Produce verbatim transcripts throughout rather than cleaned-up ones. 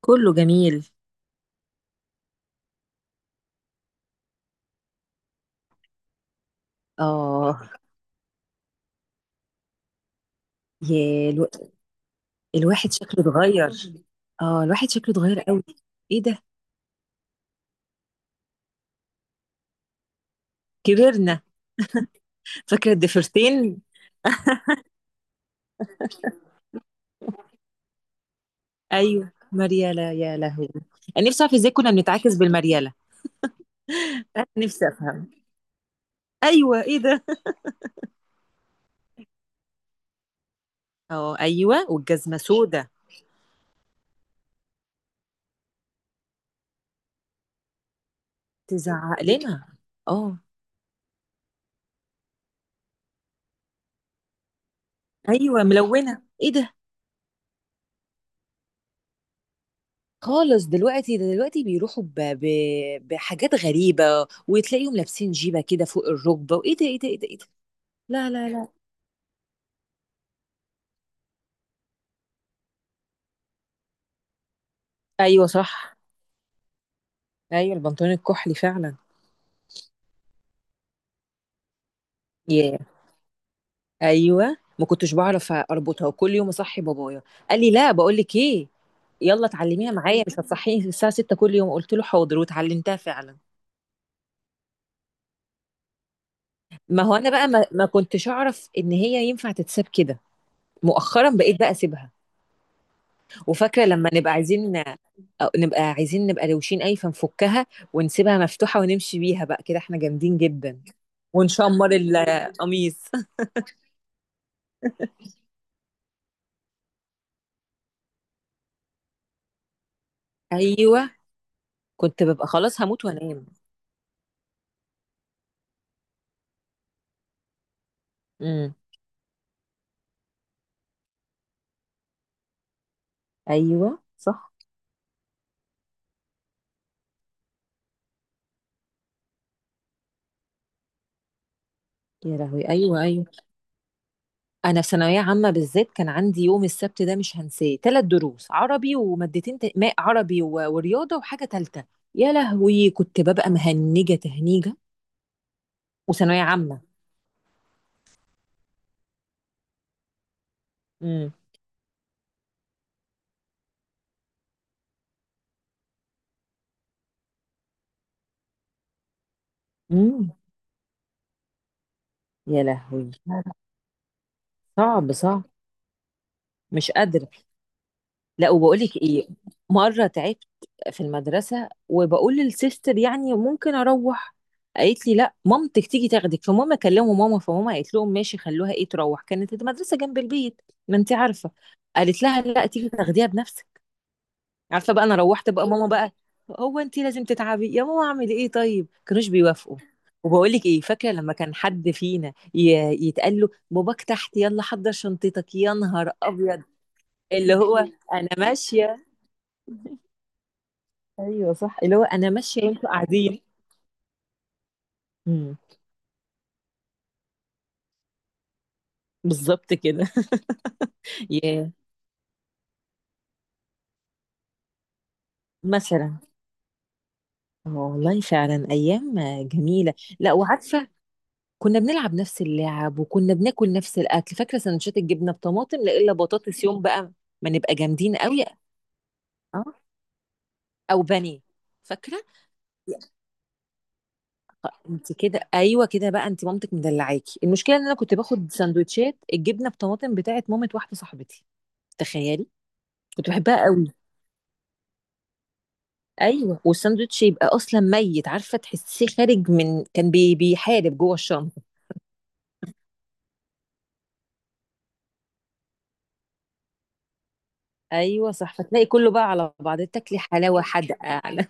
كله جميل. اه. يا الو... الواحد شكله اتغير. اه، الواحد شكله اتغير قوي. ايه ده؟ كبرنا. فاكره الضفيرتين. ايوه مريالة، يا لهوي. انا نفسي اعرف ازاي كنا بنتعاكس بالمريالة. أنا نفسي افهم. ايوه، ايه ده؟ اه ايوه، والجزمه سودا. تزعق لنا. اه ايوه ملونه، ايه ده؟ خالص دلوقتي، ده دلوقتي بيروحوا ب... ب... بحاجات غريبه. وتلاقيهم لابسين جيبه كده فوق الركبه، وايه ده ايه ده ايه ده إيه ده؟ لا لا لا. ايوه صح. ايوه البنطلون الكحلي فعلا. ياه. ايوه ما كنتش بعرف اربطها، وكل يوم اصحي بابايا قال لي لا بقول لك ايه، يلا اتعلميها معايا مش هتصحيني الساعه ستة كل يوم. قلت له حاضر واتعلمتها فعلا. ما هو انا بقى ما, ما كنتش اعرف ان هي ينفع تتساب كده. مؤخرا بقيت بقى اسيبها. وفاكره لما نبقى عايزين، أو نبقى عايزين نبقى روشين اي فنفكها ونسيبها مفتوحه ونمشي بيها بقى كده احنا جامدين جدا. ونشمر القميص. ايوه. كنت ببقى خلاص هموت وانام. امم. ايوه صح. يا لهوي، ايوه ايوه. انا في ثانويه عامه بالذات كان عندي يوم السبت ده مش هنساه، ثلاث دروس عربي ومادتين تا- ما عربي و- ورياضه وحاجه ثالثه. يا لهوي، كنت ببقى مهنجه تهنيجه. وثانويه عامه. امم. امم. يا لهوي، صعب صعب. مش قادره. لا وبقول لك ايه، مره تعبت في المدرسه وبقول للسيستر يعني ممكن اروح. قالت لي لا مامتك تيجي تاخدك، فماما كلموا ماما فماما قالت لهم ماشي خلوها ايه تروح، كانت المدرسه جنب البيت. ما انت عارفه. قالت لها لا تيجي تاخديها بنفسك. عارفه بقى، انا روحت بقى ماما بقى. هو انت لازم تتعبي يا ماما؟ اعمل ايه طيب، كانوش بيوافقوا. وبقول لك ايه، فاكره لما كان حد فينا ي- يتقال له باباك تحت يلا حضر شنطتك، يا نهار ابيض. اللي هو انا ماشيه. ايوه صح، اللي هو انا ماشيه وانتوا قاعدين. امم. بالظبط كده. يا مثلا. اه والله فعلا، ايام جميله. لا وعارفه، كنا بنلعب نفس اللعب وكنا بناكل نفس الاكل. فاكره سندوتشات الجبنه بطماطم، لا الا بطاطس يوم بقى. ما نبقى جامدين قوي. اه، او بني. فاكره. يا انت كده، ايوه كده بقى، انت مامتك مدلعاكي. المشكله ان انا كنت باخد سندوتشات الجبنه بطماطم بتاعت مامه واحده صاحبتي. تخيلي. كنت بحبها قوي. ايوه والساندوتش يبقى اصلا ميت، عارفه تحسيه خارج من كان بي بيحارب جوه الشنطه. ايوه صح، فتلاقي كله بقى على بعض، تاكلي حلاوه حادقه على.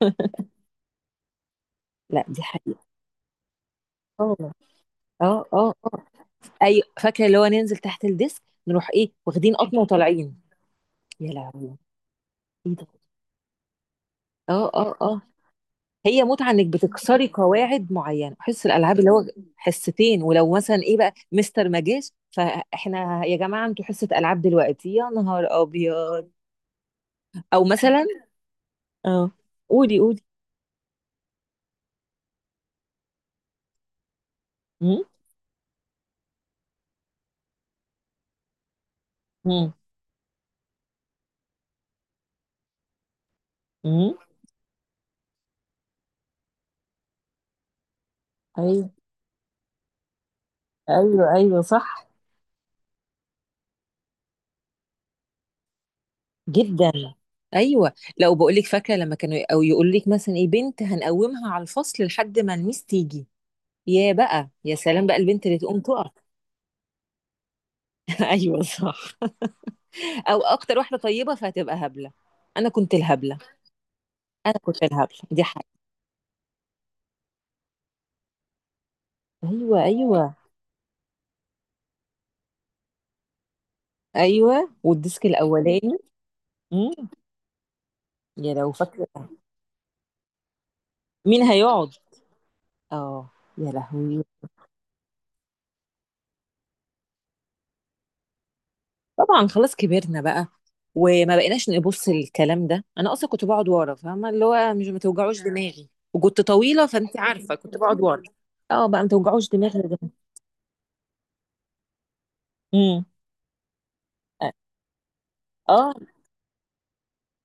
لا دي حقيقه. اه اه اه اه. ايوه فاكره اللي هو ننزل تحت الديسك، نروح ايه واخدين قطمه وطالعين. يا لهوي. ايه ده. اه اه اه. هي متعه انك بتكسري قواعد معينه، حس الالعاب اللي هو حصتين، ولو مثلا ايه بقى مستر ما جاش فاحنا يا جماعه انتوا حصه العاب دلوقتي، يا نهار ابيض. او مثلا. اه، قولي قولي. مم؟ مم؟ مم؟ ايوه ايوه. ايوه صح جدا. ايوه لو بقول لك، فاكره لما كانوا او يقول لك مثلا ايه بنت هنقومها على الفصل لحد ما الميس تيجي. يا بقى يا سلام، بقى البنت اللي تقوم تقف. ايوه صح. او اكتر واحده طيبه فهتبقى هبله. انا كنت الهبله. انا كنت الهبله، دي حاجه. ايوه ايوه. ايوه والديسك الاولاني. مم؟ يا لو فاكره. مين هيقعد؟ اه. يا لهوي، طبعا خلاص كبرنا بقى. وما بقيناش نبص للكلام ده، انا اصلا كنت بقعد ورا، فاهمه اللي هو مش ما توجعوش دماغي، وكنت طويله فانت عارفه كنت بقعد ورا. اه بقى ما توجعوش دماغي ده. امم. اه،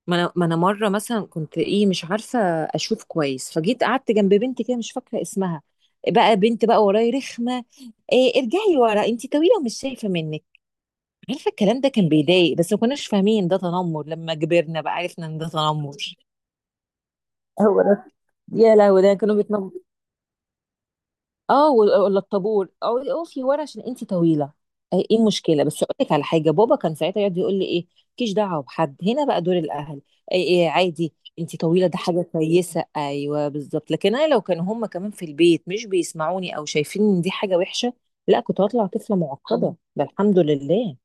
ما انا، ما انا مره مثلا كنت ايه مش عارفه اشوف كويس، فجيت قعدت جنب بنت كده مش فاكره اسمها. بقى بنت بقى وراي رخمه. إيه ارجعي ورا انت طويله ومش شايفه منك. عارفه الكلام ده كان بيضايق، بس ما كناش فاهمين ده تنمر، لما كبرنا بقى عرفنا ان ده تنمر. هو ده. يا لهوي، ده كانوا بيتنبطوا. اه و- ولا الطابور، او اقفي ورا عشان انت طويله. ايه إيه المشكله، بس اقول لك على حاجه، بابا كان ساعتها يقعد يقول لي ايه مالكيش دعوه بحد، هنا بقى دور الاهل. ايه ايه عادي. انت طويله ده حاجه كويسه، ايوه بالظبط، لكن انا لو كانوا هم كمان في البيت مش بيسمعوني او شايفين ان دي حاجه وحشه، لا كنت هطلع طفله معقده، ده الحمد لله.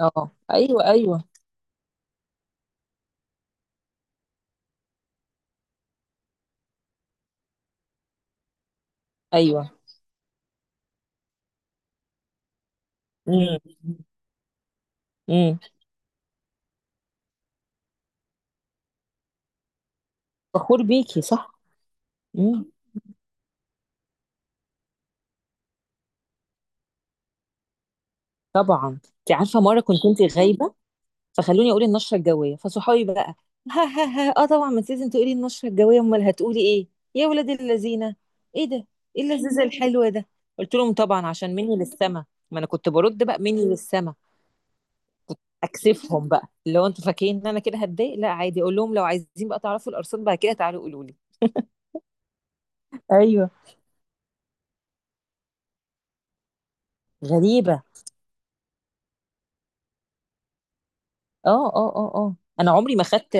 اه ايوه ايوه ايوه. امم. امم. فخور بيكي صح. امم. طبعا انت عارفه، مره كنت انت غايبه، فخلوني اقول النشره الجويه فصحابي بقى. ها ها ها، اه طبعا، ما انت لازم تقولي النشره الجويه، امال هتقولي ايه، يا ولاد الذين. ايه ده؟ ايه اللذيذه الحلوه ده. قلت لهم طبعا عشان مني للسما. ما انا كنت برد بقى مني للسما. اكسفهم بقى، اللي هو انتوا فاكرين ان انا كده هتضايق، لا عادي، اقول لهم لو عايزين بقى تعرفوا الارصاد بعد كده تعالوا قولوا لي. ايوه غريبه. اه اه اه اه. انا عمري ما خدت،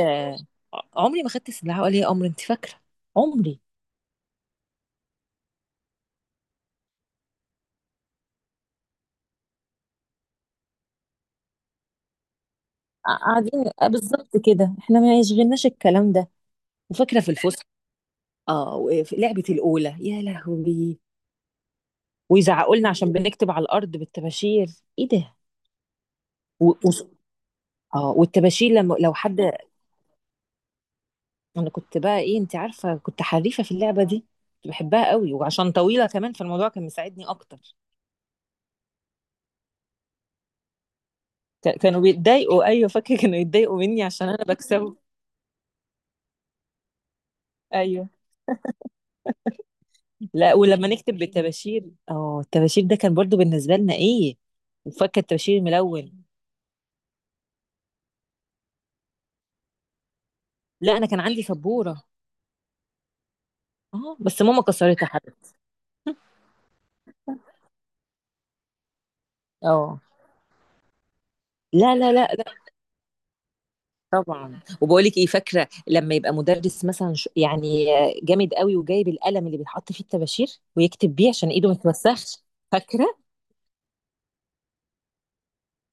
عمري ما خدت سلاح ولا لي امر، انت فاكره؟ عمري. قاعدين آه، بالظبط كده، احنا ما يشغلناش الكلام ده. وفاكره في الفسحه. اه وفي لعبة الأولى، يا لهوي. ويزعقوا لنا عشان بنكتب على الأرض بالطباشير. ايه ده؟ و... و... اه، والطباشير لما لو حد. انا كنت بقى ايه، انت عارفة كنت حريفة في اللعبة دي. كنت بحبها قوي وعشان طويلة كمان فالموضوع كان مساعدني اكتر. ك- كانوا بيتضايقوا، ايوه فاكرة كانوا يتضايقوا مني عشان انا بكسبه. ايوه. لا ولما نكتب بالطباشير. اه الطباشير ده كان برضو بالنسبة لنا ايه. وفاكرة الطباشير الملون. لا انا كان عندي سبورة. اه بس ماما كسرتها حد. اه. لا لا لا. طبعًا، وباقول لِك إيه، فاكرة لمّا يبقى مُدرِّس مثلًا ش يعني جامد أوي، وجايب القلم اللي بيتحط فيه الطباشير ويكتب بيه عشان إيده ما تتوسخش، فاكرة؟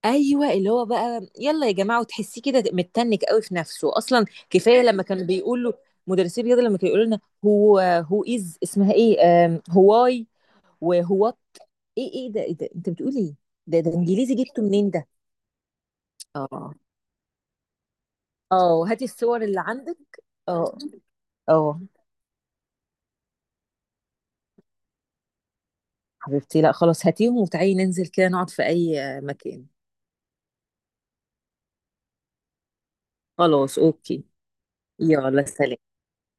أيوه، اللي هو بقى يالّا يا جماعة، وتحسّيه كده متّنِّك أوي في نَفْسه، أصلًا كفاية لمّا كانوا بيقولوا. مُدرِّسي الرياضة لمّا كانوا يقولوا لنا هو who is اسمها إيه، آمم who why وwhat. إيه إيه ده إيه ده أنت بتقول إيه؟ ده ده إنجليزي جِبته منين ده؟ آه، آه، وهاتي الصور اللي عندِك. آه، آه. حبيبتي، لا خلاص هاتيهم وتعالي ننزل كده نقعد في اي مكان. خلاص اوكي. يلا سلام.